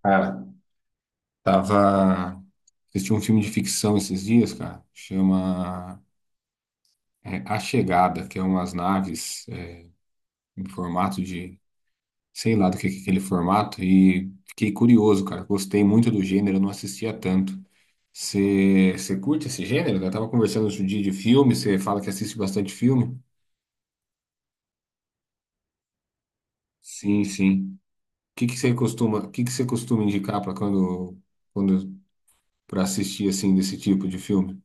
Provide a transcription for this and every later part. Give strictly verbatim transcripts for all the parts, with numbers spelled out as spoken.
Cara, tava assistindo um filme de ficção esses dias, cara, chama é, A Chegada, que é umas naves é, em formato de, sei lá do que que é aquele formato, e fiquei curioso, cara, gostei muito do gênero, eu não assistia tanto. Você curte esse gênero? Eu tava conversando outro dia de filme, você fala que assiste bastante filme? Sim, sim. O que que você costuma, o que que você costuma indicar para quando, quando, para assistir assim desse tipo de filme?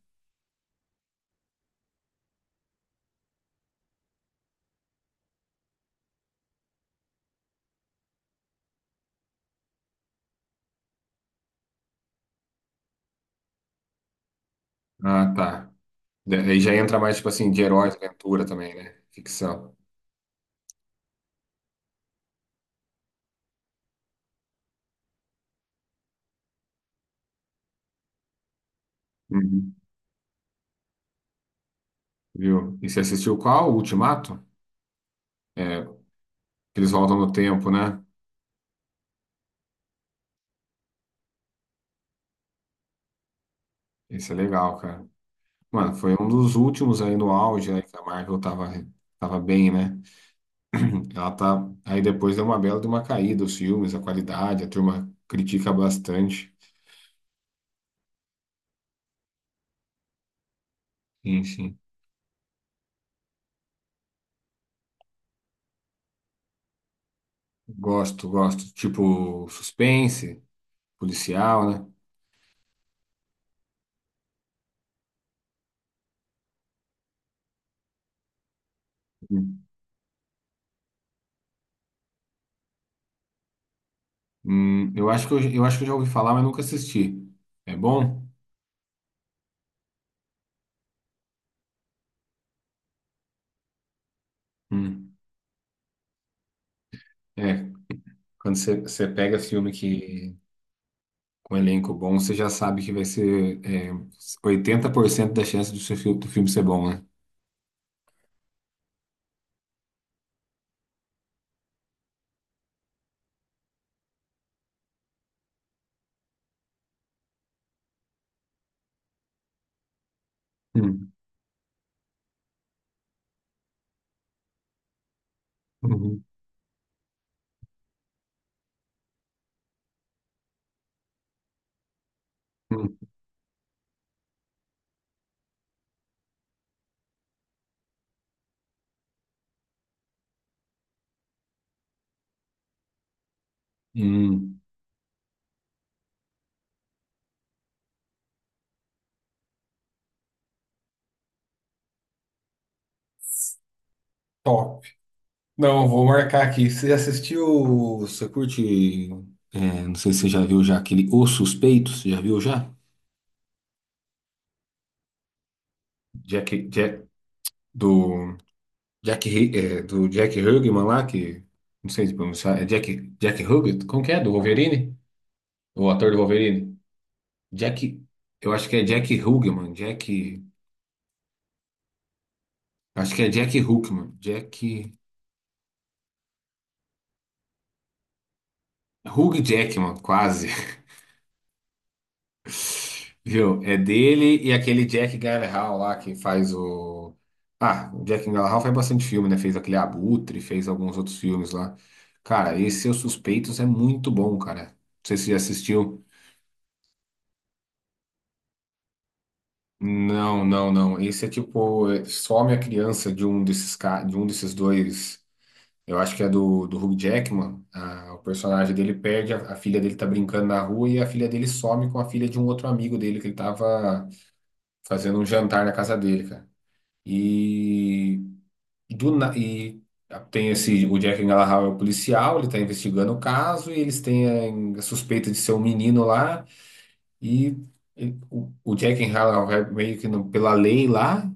Ah, tá. Da- Aí já entra mais, tipo assim, de herói, aventura também, né? Ficção. Uhum. Viu? E você assistiu qual? O Ultimato? É, que eles voltam no tempo, né? Esse é legal, cara. Mano, foi um dos últimos aí no auge, né? Que a Marvel tava, tava bem, né? Ela tá. Aí depois deu uma bela de uma caída, os filmes, a qualidade, a turma critica bastante. Sim, sim. Gosto, gosto. Tipo, suspense, policial, né? Hum, eu acho que eu, eu acho que eu já ouvi falar, mas nunca assisti. É bom? Hum. É, quando você você pega filme que com elenco bom, você já sabe que vai ser é, oitenta por cento da chance do seu filme, do filme ser bom, né? Hum, uhum, hum, hum. Top. Não, vou marcar aqui. Você assistiu, você curte, é, não sei se você já viu já aquele O Suspeito, você já viu já? Jack, Jack, do Jack, Hi- é, do Jack Hugman lá, que não sei se pronunciar, é Jack, Jack Hugget? Como que é? Do Wolverine? O ator do Wolverine? Jack, eu acho que é Jack Hugman, Jack, acho que é Jack Hugman, Jack, Hugh Jackman, quase. Viu? É dele e aquele Jack Gyllenhaal lá que faz o Ah, o Jack Gyllenhaal faz bastante filme, né? Fez aquele Abutre, fez alguns outros filmes lá. Cara, esse Seus Suspeitos é muito bom, cara. Não sei se você já assistiu. Não, não, não. Esse é tipo, é, some a criança de um desses ca... de um desses dois. Eu acho que é do, do Hugh Jackman. Ah, o personagem dele perde, a, a filha dele tá brincando na rua e a filha dele some com a filha de um outro amigo dele que ele tava fazendo um jantar na casa dele, cara. E, do, na- e tem esse, o Jack Gyllenhaal é o policial, ele tá investigando o caso e eles têm a suspeita de ser um menino lá. E, e o, o Jack Halal meio que não- pela lei lá,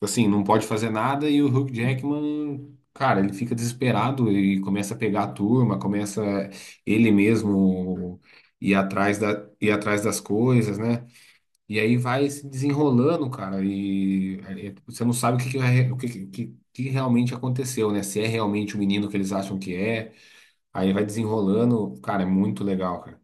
assim, não pode fazer nada e o Hugh Jackman, cara, ele fica desesperado e começa a pegar a turma, começa ele mesmo ir atrás da, ir atrás das coisas, né? E aí vai se desenrolando, cara, e é, você não sabe o que, que, vai- o que, que, que que realmente aconteceu, né? Se é realmente o menino que eles acham que é, aí vai desenrolando, cara, é muito legal, cara.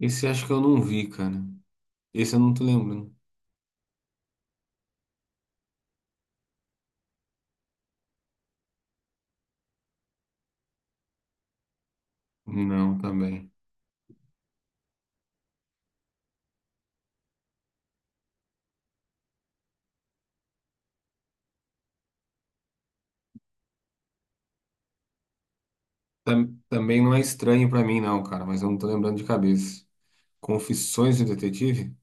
Esse acho que eu não vi, cara. Esse eu não tô lembrando. Não, também. Tam- também não é estranho pra mim, não, cara, mas eu não tô lembrando de cabeça. Confissões de Detetive?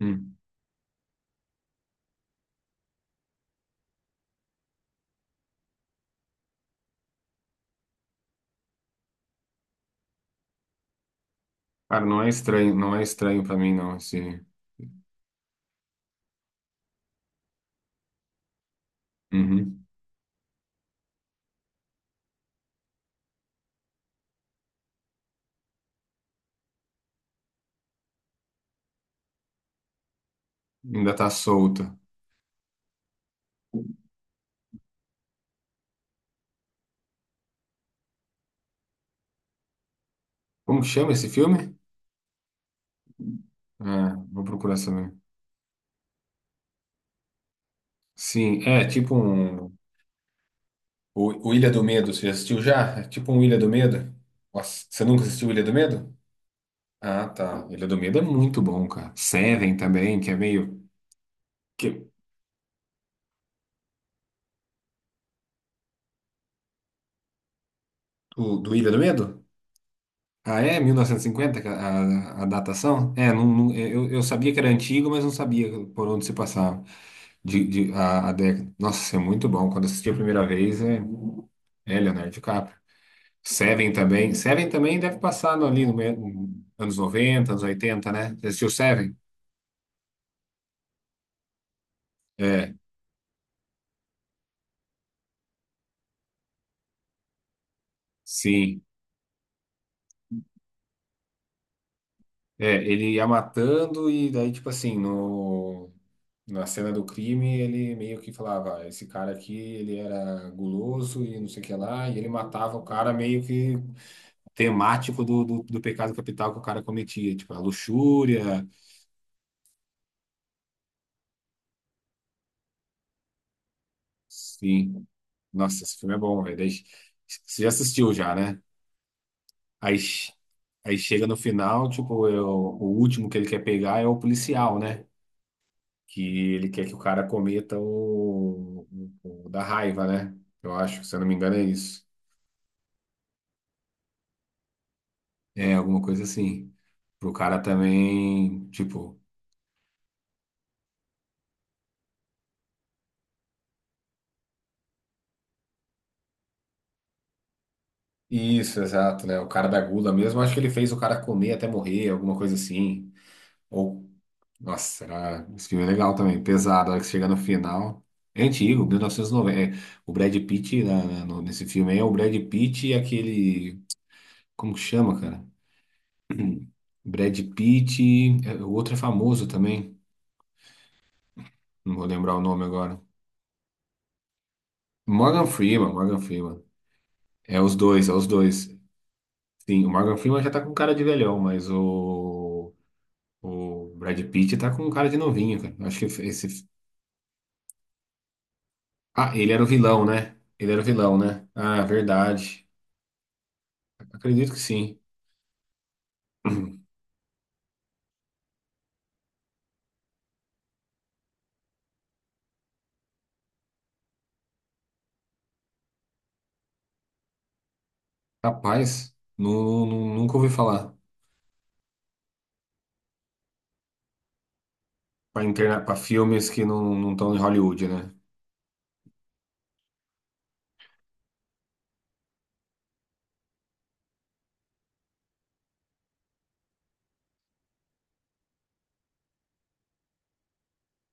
Hum. Cara, não é estranho, não é estranho pra mim, não, esse. Uhum. Ainda tá solta. Como que chama esse filme? Ah, vou procurar saber. Sim, é tipo um. O, o Ilha do Medo, você já assistiu já? É tipo um Ilha do Medo? Nossa, você nunca assistiu Ilha do Medo? Ah, tá. Ilha do Medo é muito bom, cara. Seven também, que é meio. Que... O, do Ilha do Medo? Ah, é? mil novecentos e cinquenta que a, a, a datação? É, não, não- eu, eu sabia que era antigo, mas não sabia por onde se passava de, de- a, a década. Nossa, isso é muito bom. Quando assisti a primeira vez, é, é Leonardo DiCaprio. Seven também. Seven também deve passar no- ali no, me- no- anos noventa anos oitenta, né? Você assistiu Seven? É, sim. É, ele ia matando e daí, tipo assim, no. Na cena do crime, ele meio que falava: "Ah, esse cara aqui, ele era guloso e não sei o que lá", e ele matava o cara meio que temático do, do, do pecado capital que o cara cometia, tipo, a luxúria, sim. Nossa, esse filme é bom, velho. Daí, você já assistiu já, né? Aí, che- aí chega no final, tipo, eu, o último que ele quer pegar é o policial, né? Que ele quer que o cara cometa o, o o da raiva, né? Eu acho, se eu não me engano, é isso. É, alguma coisa assim. Pro cara também, tipo. Isso, exato, né? O cara da gula mesmo, acho que ele fez o cara comer até morrer, alguma coisa assim. Ou. Nossa, era... esse filme é legal também, pesado. A hora que chega no final. É antigo, mil novecentos e noventa. É, o Brad Pitt, na, na- no- nesse filme aí, é o Brad Pitt e aquele. Como que chama, cara? Brad Pitt, é, o outro é famoso também. Não vou lembrar o nome agora. Morgan Freeman, Morgan Freeman. É os dois, é os dois. Sim, o Morgan Freeman já tá com cara de velhão, mas o, o Brad Pitt tá com cara de novinho, cara. Acho que esse. Ah, ele era o vilão, né? Ele era o vilão, né? Ah, verdade. Acredito que sim. Rapaz, nu- nu- nunca ouvi falar. Pra interna... para filmes que não estão em Hollywood, né?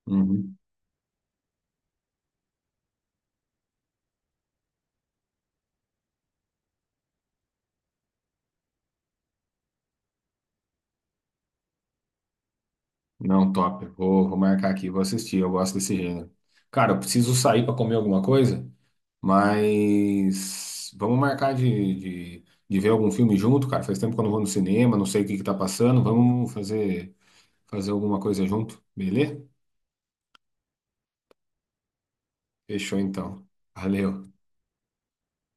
Uhum. Não, top. Vou, vou marcar aqui, vou assistir. Eu gosto desse gênero. Cara, eu preciso sair pra comer alguma coisa. Mas vamos marcar de, de, de ver algum filme junto, cara. Faz tempo que eu não vou no cinema, não sei o que que tá passando. Vamos fazer, fazer alguma coisa junto, beleza? Fechou então. Valeu.